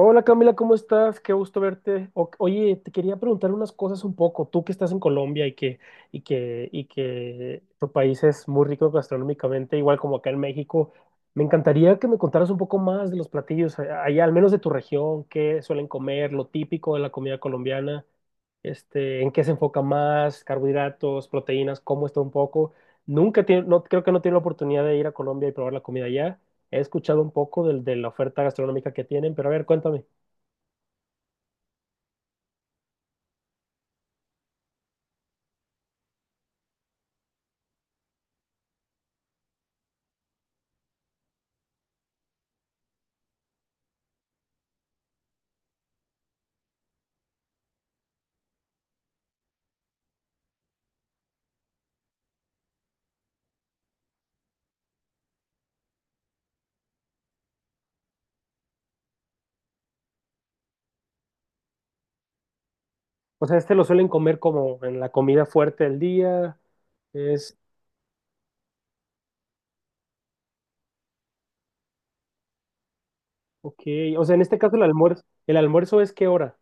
Hola Camila, ¿cómo estás? Qué gusto verte. Oye, te quería preguntar unas cosas un poco. Tú que estás en Colombia y que tu país es muy rico gastronómicamente, igual como acá en México, me encantaría que me contaras un poco más de los platillos allá, al menos de tu región, qué suelen comer, lo típico de la comida colombiana, en qué se enfoca más, carbohidratos, proteínas, cómo está un poco. Nunca tiene, no, creo que no tiene la oportunidad de ir a Colombia y probar la comida allá. He escuchado un poco de la oferta gastronómica que tienen, pero a ver, cuéntame. O sea, este lo suelen comer como en la comida fuerte del día. Es, ok. O sea, en este caso ¿el almuerzo es qué hora?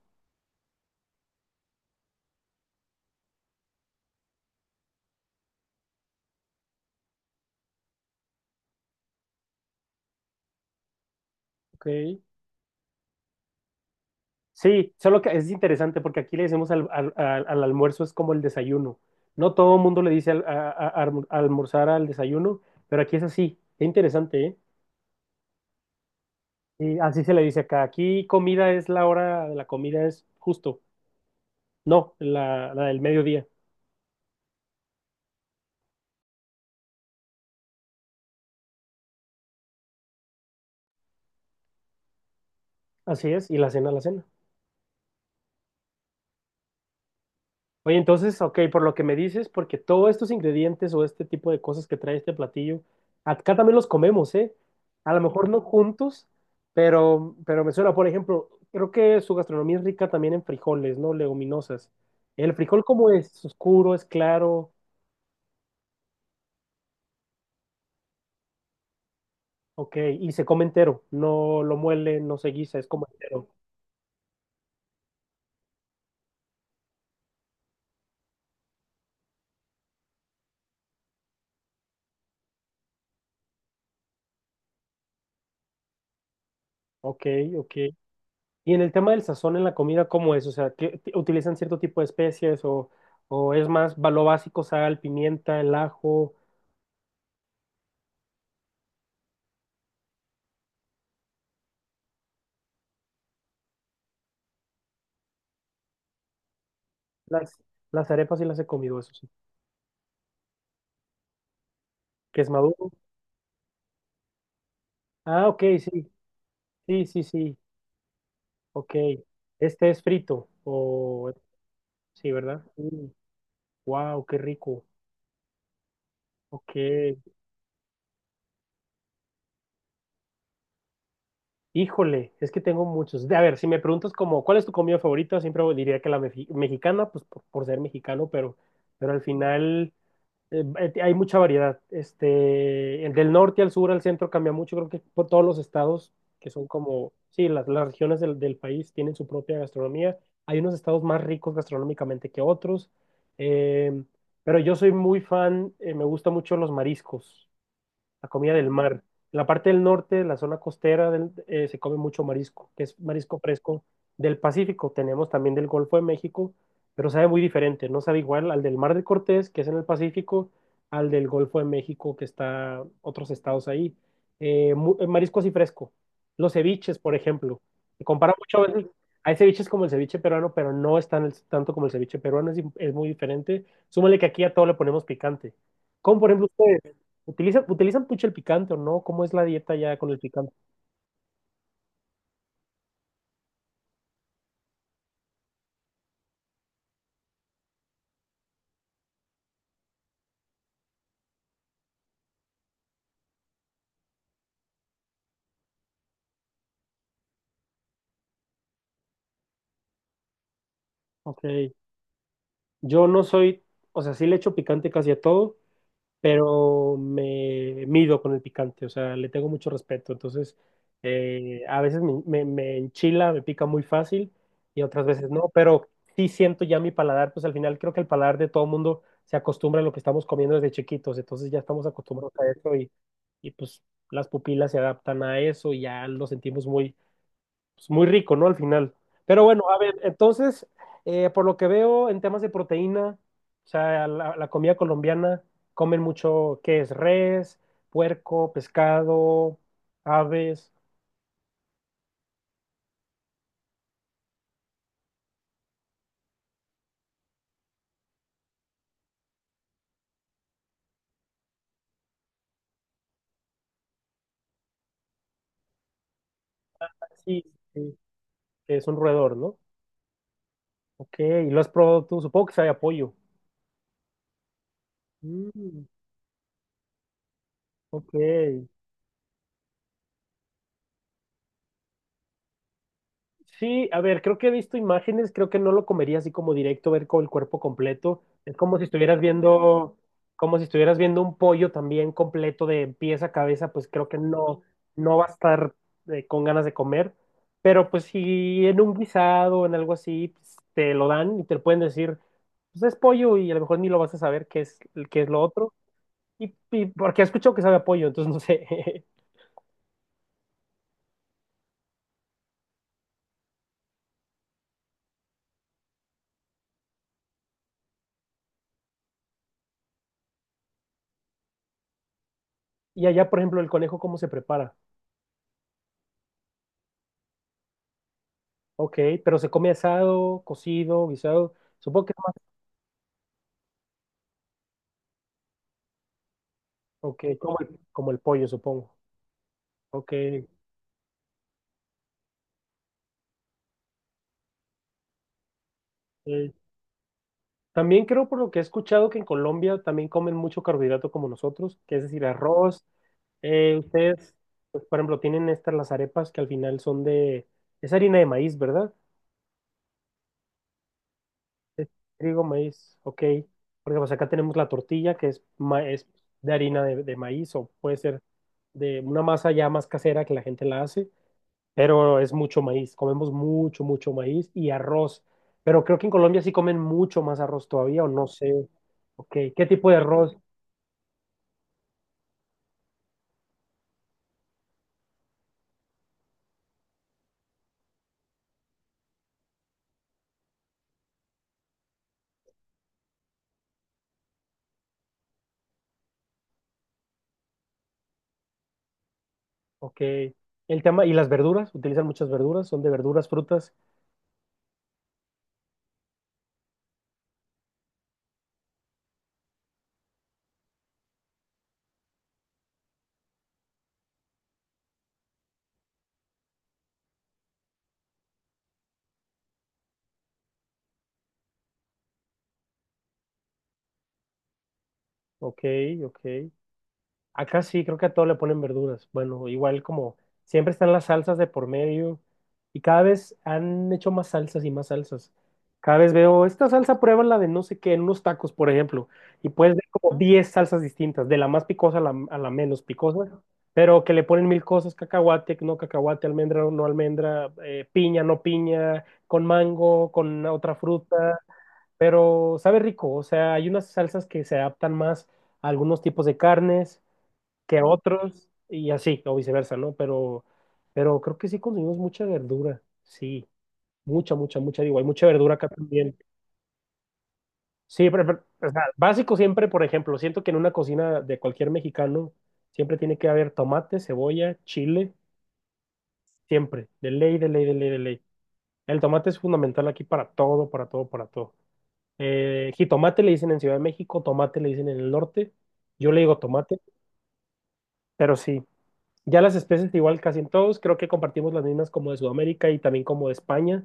Ok. Sí, solo que es interesante porque aquí le decimos al almuerzo es como el desayuno. No todo el mundo le dice almorzar al desayuno, pero aquí es así. Qué interesante, ¿eh? Y así se le dice acá. Aquí comida es la hora de la comida, es justo. No, la del mediodía. Así es, y la cena, la cena. Oye, entonces, ok, por lo que me dices, porque todos estos ingredientes o este tipo de cosas que trae este platillo, acá también los comemos, ¿eh? A lo mejor no juntos, pero me suena, por ejemplo, creo que su gastronomía es rica también en frijoles, ¿no? Leguminosas. ¿El frijol cómo es? ¿Es oscuro? ¿Es claro? Ok, y se come entero, no lo muele, no se guisa, es como entero. Ok, ok. Y en el tema del sazón en la comida, ¿cómo es? O sea, ¿utilizan cierto tipo de especies o es más lo básico, sal, pimienta, el ajo? Las, las arepas sí las he comido, eso sí. ¿Que es maduro? Ah, ok, sí, sí, sí, sí, ok. Este es frito, o sí, ¿verdad? Wow, qué rico. Ok, híjole, es que tengo muchos. A ver, si me preguntas como, ¿cuál es tu comida favorita? Siempre diría que la mexicana, pues por ser mexicano, pero al final... hay mucha variedad. Este, el del norte al sur, al centro cambia mucho. Creo que por todos los estados que son como, sí, las regiones del país tienen su propia gastronomía. Hay unos estados más ricos gastronómicamente que otros. Eh, pero yo soy muy fan, me gustan mucho los mariscos, la comida del mar. En la parte del norte, la zona costera, se come mucho marisco, que es marisco fresco del Pacífico. Tenemos también del Golfo de México, pero sabe muy diferente. No sabe igual al del Mar de Cortés, que es en el Pacífico, al del Golfo de México, que está otros estados ahí. Marisco así fresco. Los ceviches, por ejemplo. Se compara mucho a veces. Hay ceviches como el ceviche peruano, pero no es tanto como el ceviche peruano, es, es muy diferente. Súmale que aquí a todo le ponemos picante. Como por ejemplo ustedes. ¿Utilizan pucha el picante o no? ¿Cómo es la dieta ya con el picante? Ok. Yo no soy, o sea, sí le echo picante casi a todo, pero me mido con el picante, o sea, le tengo mucho respeto. Entonces, a veces me enchila, me pica muy fácil y otras veces no, pero sí siento ya mi paladar, pues al final creo que el paladar de todo mundo se acostumbra a lo que estamos comiendo desde chiquitos, entonces ya estamos acostumbrados a eso y pues las pupilas se adaptan a eso y ya lo sentimos muy pues, muy rico, ¿no? Al final. Pero bueno, a ver, entonces, por lo que veo en temas de proteína, o sea, la comida colombiana, comen mucho, ¿qué es? Res, puerco, pescado, aves, sí, sí, que es un roedor, ¿no? Ok, y lo has probado tú, supongo que sabe a pollo. Mm, ok, sí, a ver, creo que he visto imágenes, creo que no lo comería así como directo, ver con el cuerpo completo. Es como si estuvieras viendo, como si estuvieras viendo un pollo también completo de pies a cabeza, pues creo que no, no va a estar con ganas de comer. Pero pues si en un guisado, en algo así, pues, te lo dan y te pueden decir, pues es pollo y a lo mejor ni lo vas a saber qué es lo otro. Y porque he escuchado que sabe a pollo, entonces no sé. Y allá, por ejemplo, el conejo, ¿cómo se prepara? Ok, pero se come asado, cocido, guisado. Supongo que es más, ok, como el pollo, supongo. Ok. eh, También creo por lo que he escuchado que en Colombia también comen mucho carbohidrato como nosotros, que es decir, arroz. Ustedes, pues, por ejemplo, tienen estas las arepas que al final son de, es harina de maíz, ¿verdad? Es trigo, maíz, ok. Porque pues acá tenemos la tortilla que es, es de harina de maíz o puede ser de una masa ya más casera que la gente la hace. Pero es mucho maíz, comemos mucho, mucho maíz y arroz, pero creo que en Colombia sí comen mucho más arroz todavía, o no sé, ok, ¿qué tipo de arroz? Ok, el tema, ¿y las verduras? ¿Utilizan muchas verduras? ¿Son de verduras, frutas? Ok, ok. Acá sí, creo que a todo le ponen verduras. Bueno, igual como siempre están las salsas de por medio y cada vez han hecho más salsas y más salsas. Cada vez veo, esta salsa prueba la de no sé qué, en unos tacos, por ejemplo, y puedes ver como ¿no? 10 salsas distintas, de la más picosa a a la menos picosa, pero que le ponen mil cosas, cacahuate, no cacahuate, almendra, no almendra, piña, no piña, con mango, con otra fruta, pero sabe rico, o sea, hay unas salsas que se adaptan más a algunos tipos de carnes que a otros y así, o viceversa, ¿no? Pero creo que sí consumimos mucha verdura, sí, mucha, mucha, mucha, digo, hay mucha verdura acá también. Sí, pero, o sea, básico siempre, por ejemplo, siento que en una cocina de cualquier mexicano siempre tiene que haber tomate, cebolla, chile, siempre, de ley, de ley, de ley, de ley. El tomate es fundamental aquí para todo, para todo, para todo. Jitomate le dicen en Ciudad de México, tomate le dicen en el norte, yo le digo tomate, pero sí. Ya las especies igual casi en todos, creo que compartimos las mismas como de Sudamérica y también como de España,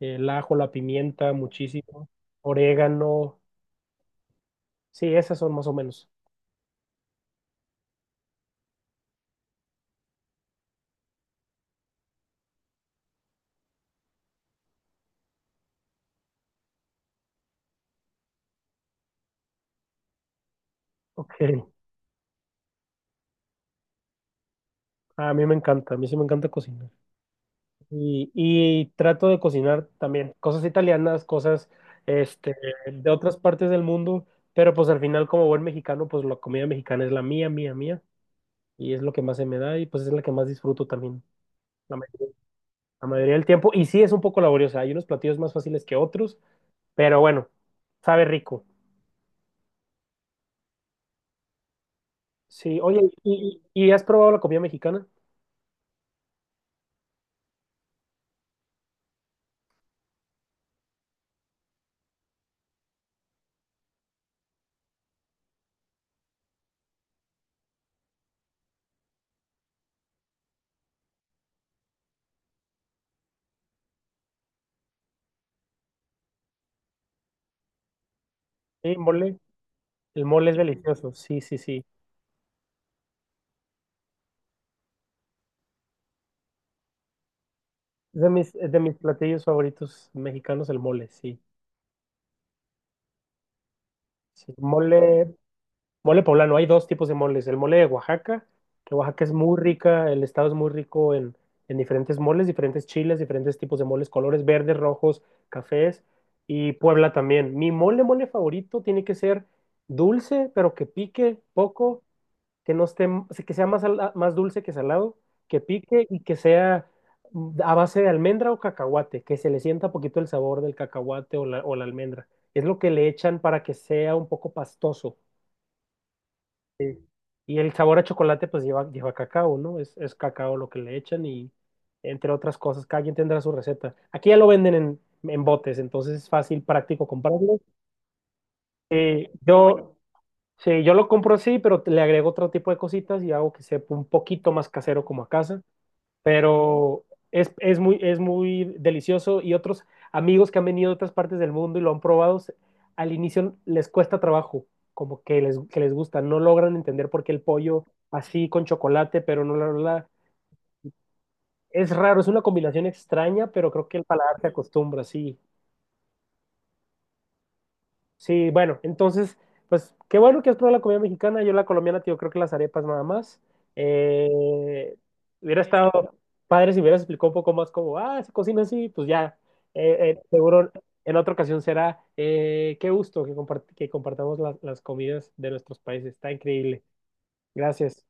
el ajo, la pimienta, muchísimo, orégano, sí, esas son más o menos. Ok, a mí me encanta, a mí sí me encanta cocinar. Y trato de cocinar también cosas italianas, cosas este, de otras partes del mundo, pero pues al final como buen mexicano, pues la comida mexicana es la mía, mía, mía, y es lo que más se me da y pues es la que más disfruto también. La mayoría del tiempo. Y sí es un poco laboriosa, hay unos platillos más fáciles que otros, pero bueno, sabe rico. Sí, oye, ¿y, y has probado la comida mexicana? Sí, mole. El mole es delicioso, sí, sí, sí. Es de mis platillos favoritos mexicanos, el mole, sí. Sí. Mole, mole poblano, hay dos tipos de moles. El mole de Oaxaca, que Oaxaca es muy rica, el estado es muy rico en diferentes moles, diferentes chiles, diferentes tipos de moles, colores verdes, rojos, cafés, y Puebla también. Mole favorito tiene que ser dulce, pero que pique poco, que no esté, que sea más, más dulce que salado, que pique y que sea mm, a base de almendra o cacahuate, que se le sienta poquito el sabor del cacahuate o la almendra. Es lo que le echan para que sea un poco pastoso. Sí. Y el sabor a chocolate pues lleva, lleva cacao, ¿no? Es cacao lo que le echan y entre otras cosas, cada quien tendrá su receta. Aquí ya lo venden en botes, entonces es fácil, práctico comprarlo. Eh, yo, sí, yo lo compro así, pero le agrego otro tipo de cositas y hago que sepa un poquito más casero como a casa pero es muy delicioso y otros amigos que han venido de otras partes del mundo y lo han probado, al inicio les cuesta trabajo, como que les gusta, no logran entender por qué el pollo así con chocolate, pero no la... Es raro, es una combinación extraña, pero creo que el paladar se acostumbra, sí. Sí, bueno, entonces, pues qué bueno que has probado la comida mexicana. Yo la colombiana, tío, creo que las arepas nada más. Eh, hubiera estado padre si hubieras explicado un poco más cómo, ah, se cocina así, pues ya. Seguro en otra ocasión será. Qué gusto que, que compartamos las comidas de nuestros países. Está increíble. Gracias.